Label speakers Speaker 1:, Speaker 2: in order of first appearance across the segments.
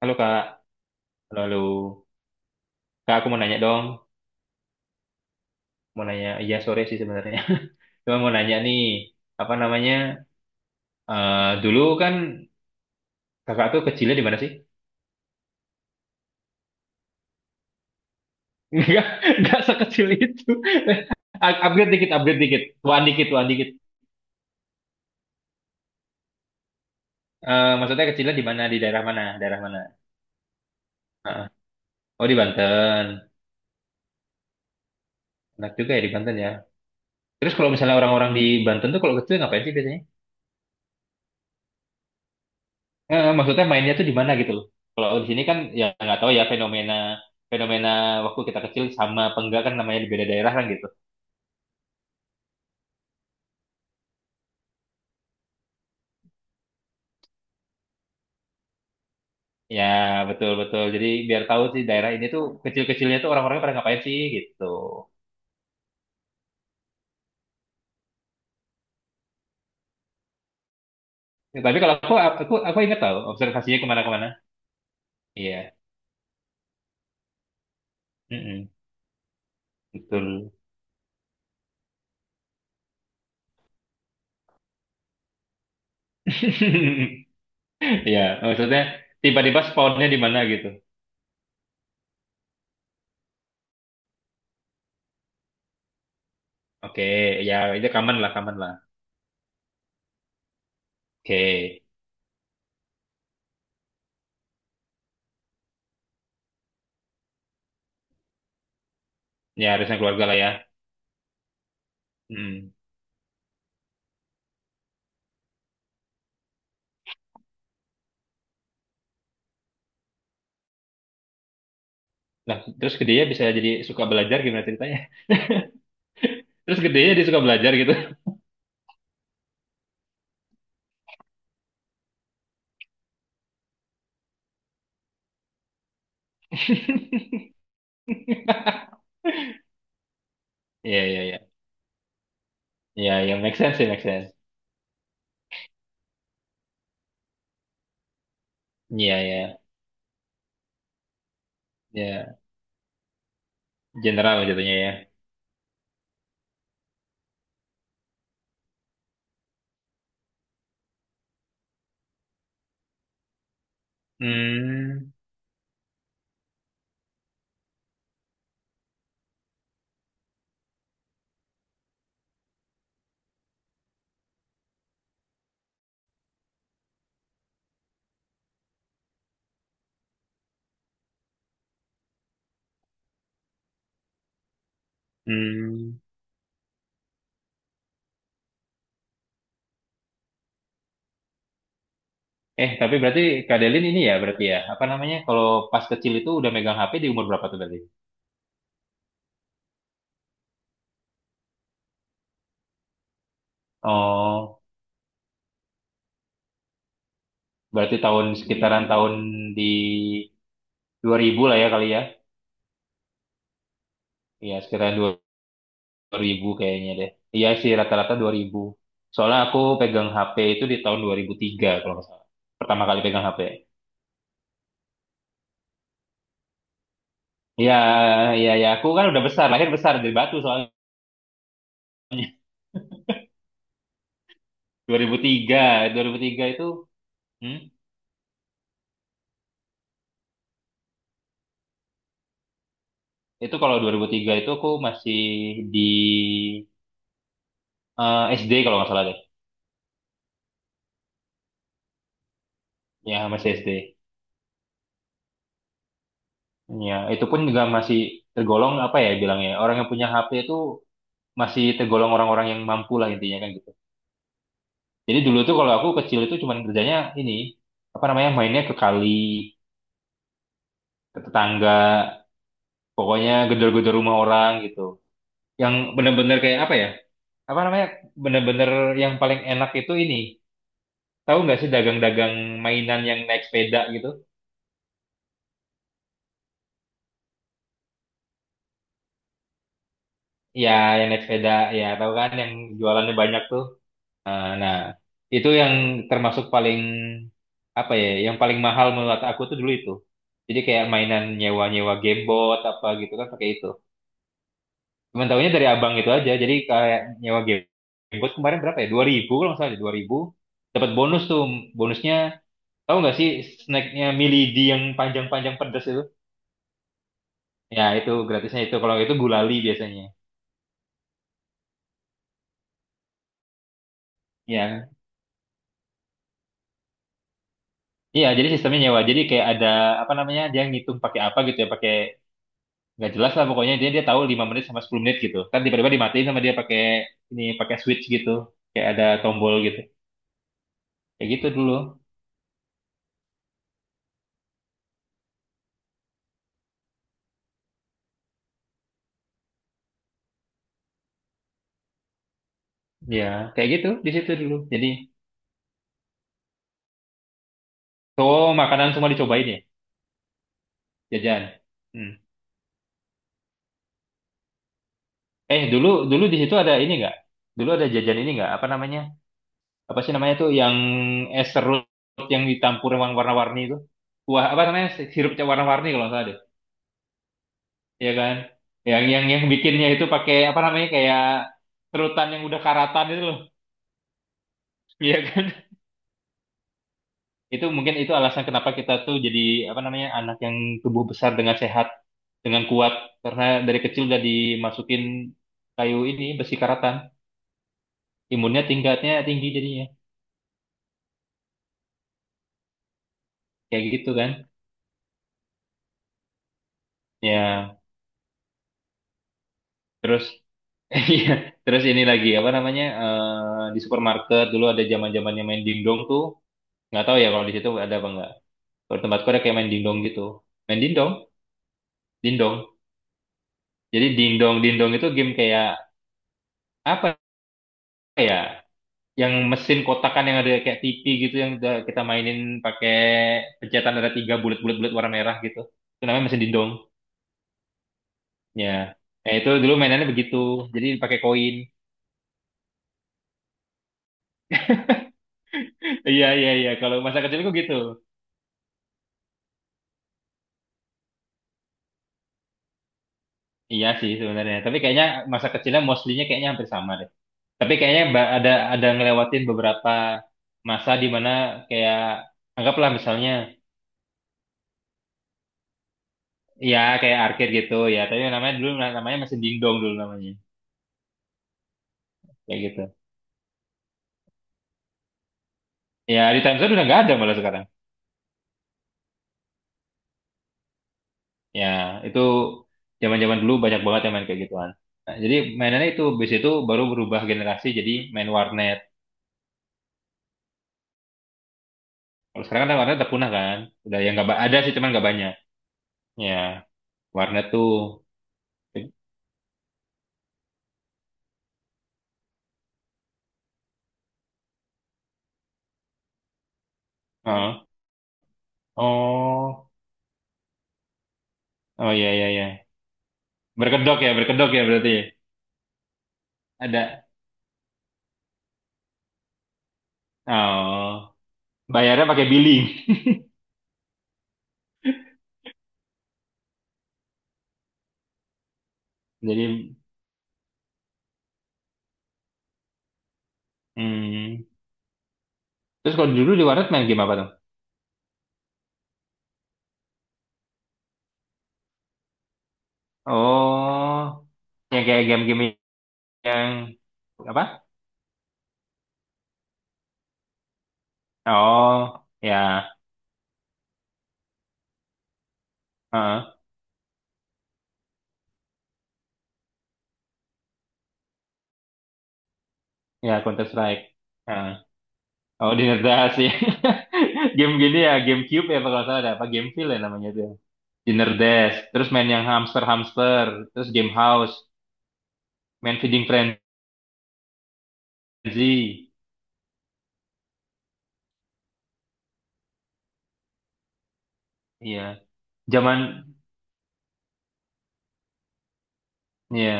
Speaker 1: Halo Kak, halo, halo. Kak, aku mau nanya dong, mau nanya, iya sore sih sebenarnya. Cuma mau nanya nih, apa namanya, dulu kan kakak tuh kecilnya di mana sih? Enggak, enggak sekecil itu. Upgrade dikit, tuan dikit, tuan dikit. Maksudnya kecilnya di mana, di daerah mana, daerah mana? Heeh. Oh di Banten, enak juga ya di Banten ya. Terus kalau misalnya orang-orang di Banten tuh kalau kecil ngapain sih biasanya? Maksudnya mainnya tuh di mana gitu loh. Kalau di sini kan ya nggak tahu ya fenomena fenomena waktu kita kecil sama apa enggak kan namanya di beda daerah kan gitu. Ya betul betul. Jadi biar tahu sih daerah ini tuh kecil-kecilnya tuh orang orangnya pada ngapain sih gitu. Ya, tapi kalau aku aku ingat tahu observasinya kemana-kemana. Iya, Mm-mm. Betul. Iya, maksudnya tiba-tiba spawnnya di mana gitu. Oke, ya itu common lah, common lah. Oke, ya harusnya keluarga lah ya. Hmm. Nah, terus gedenya bisa jadi suka belajar gimana ceritanya? Terus gedenya dia suka belajar gitu. Iya, iya, iya. Iya, iya, make sense sih, make sense. Iya, iya. Iya, general jatuhnya ya. Hmm, hmm. Tapi berarti Kak Delin ini ya berarti ya, apa namanya, kalau pas kecil itu udah megang HP di umur berapa tuh berarti? Oh, berarti tahun sekitaran tahun di 2000 lah ya kali ya. Iya, sekitaran 2000 kayaknya deh. Iya sih rata-rata 2000. Soalnya aku pegang HP itu di tahun 2003 kalau nggak salah. Pertama kali pegang HP. Iya, iya, ya. Aku kan udah besar, lahir besar dari Batu soalnya. 2003, 2003 itu, hmm, itu kalau 2003 itu aku masih di SD kalau nggak salah deh. Ya masih SD. Ya itu pun juga masih tergolong apa ya bilangnya. Orang yang punya HP itu masih tergolong orang-orang yang mampu lah intinya kan gitu. Jadi dulu tuh kalau aku kecil itu cuman kerjanya ini, apa namanya, mainnya ke kali, ke tetangga, pokoknya gedor-gedor rumah orang gitu. Yang bener-bener kayak apa ya? Apa namanya? Bener-bener yang paling enak itu ini. Tahu nggak sih dagang-dagang mainan yang naik sepeda gitu? Ya, yang naik sepeda, ya tahu kan yang jualannya banyak tuh. Nah, nah, itu yang termasuk paling apa ya? Yang paling mahal menurut aku tuh dulu itu. Jadi kayak mainan nyewa-nyewa gamebot apa gitu kan pakai itu. Cuman tahunya dari abang itu aja. Jadi kayak nyewa game. Gamebot kemarin berapa ya? 2000 kalau nggak salah, 2000. Dapat bonus tuh. Bonusnya tahu nggak sih snacknya Milady yang panjang-panjang pedas itu? Ya itu gratisnya itu. Kalau itu gulali biasanya. Ya. Iya, jadi sistemnya nyewa. Jadi kayak ada apa namanya? Dia ngitung pakai apa gitu ya, pakai nggak jelas lah pokoknya dia dia tahu 5 menit sama 10 menit gitu. Kan tiba-tiba dimatiin sama dia pakai ini pakai switch gitu. Kayak ada tombol gitu. Kayak gitu dulu. Ya, kayak gitu di situ dulu. Jadi oh, makanan semua dicobain ya, jajan. Hmm. Dulu dulu di situ ada ini nggak? Dulu ada jajan ini nggak? Apa namanya? Apa sih namanya tuh yang es serut yang ditampur yang warna-warni itu? Wah, apa namanya? Sirupnya warna-warni kalau nggak salah deh. Iya kan? Yang bikinnya itu pakai apa namanya? Kayak serutan yang udah karatan itu loh. Iya kan? Itu mungkin itu alasan kenapa kita tuh jadi apa namanya? Anak yang tubuh besar dengan sehat, dengan kuat karena dari kecil udah dimasukin kayu ini besi karatan. Imunnya tingkatnya tinggi jadinya kayak gitu kan ya. Terus iya terus ini lagi apa namanya di supermarket dulu ada zaman zamannya main dingdong tuh, nggak tahu ya kalau di situ ada apa enggak. Kalau di tempatku ada kayak main dingdong gitu, main dingdong dingdong. Jadi dingdong dingdong itu game kayak apa ya, yang mesin kotakan yang ada kayak TV gitu, yang udah kita mainin pakai pencetan ada tiga bulat-bulat bulat warna merah gitu. Itu namanya mesin dindong ya. Nah, itu dulu mainannya begitu. Jadi pakai koin. Iya iya iya. Kalau masa kecilku gitu. Iya sih sebenarnya. Tapi kayaknya masa kecilnya mostly-nya kayaknya hampir sama deh. Tapi kayaknya ada ngelewatin beberapa masa di mana kayak anggaplah misalnya ya kayak arcade gitu ya. Tapi namanya dulu namanya masih dingdong dulu namanya. Kayak gitu. Ya di Time Zone udah nggak ada malah sekarang. Ya itu zaman-zaman dulu banyak banget yang main kayak gituan. Nah, jadi mainannya itu bis itu baru berubah generasi jadi main warnet. Kalau sekarang kan warnet udah punah kan. Udah yang nggak ada sih cuman nggak banyak. Ya. Warnet tuh. Heeh. Oh, oh ya ya ya. Berkedok ya, berkedok ya berarti. Ya? Ada. Oh, bayarnya pakai billing. Jadi, hmm. Terus kalau dulu di warnet main game apa tuh? Oh, yang kayak game-game yang apa? Oh, ya, Heeh. Ya Counter Strike. Heeh. Oh, Dinner Dash ya. Game gini ya, GameCube ya kalau salah ada apa Gameville ya namanya itu. Dinner Dash, terus main yang hamster-hamster, terus game house. Main Feeding Frenzy. Iya zaman, iya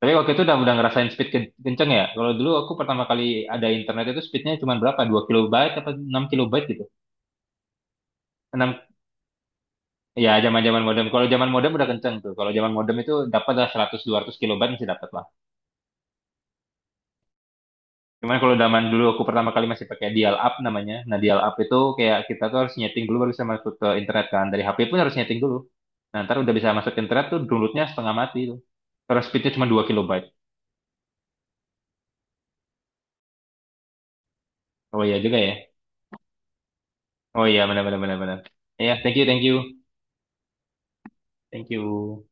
Speaker 1: tapi waktu itu udah ngerasain speed kenceng ya. Kalau dulu aku pertama kali ada internet itu speednya cuma berapa, 2 kilobyte apa 6 kilobyte gitu. 6? Ya zaman zaman modem, kalau zaman modem udah kenceng tuh. Kalau zaman modem itu dapat lah 100 200 kilobyte masih dapat lah. Cuman kalau zaman dulu aku pertama kali masih pakai dial up namanya. Nah dial up itu kayak kita tuh harus nyeting dulu baru bisa masuk ke internet kan, dari HP pun harus nyeting dulu. Nah ntar udah bisa masuk ke internet tuh downloadnya setengah mati tuh. Terus speednya cuma 2 kilobyte. Oh iya juga ya. Oh iya benar benar benar benar. Ya, thank you, thank you. Thank you.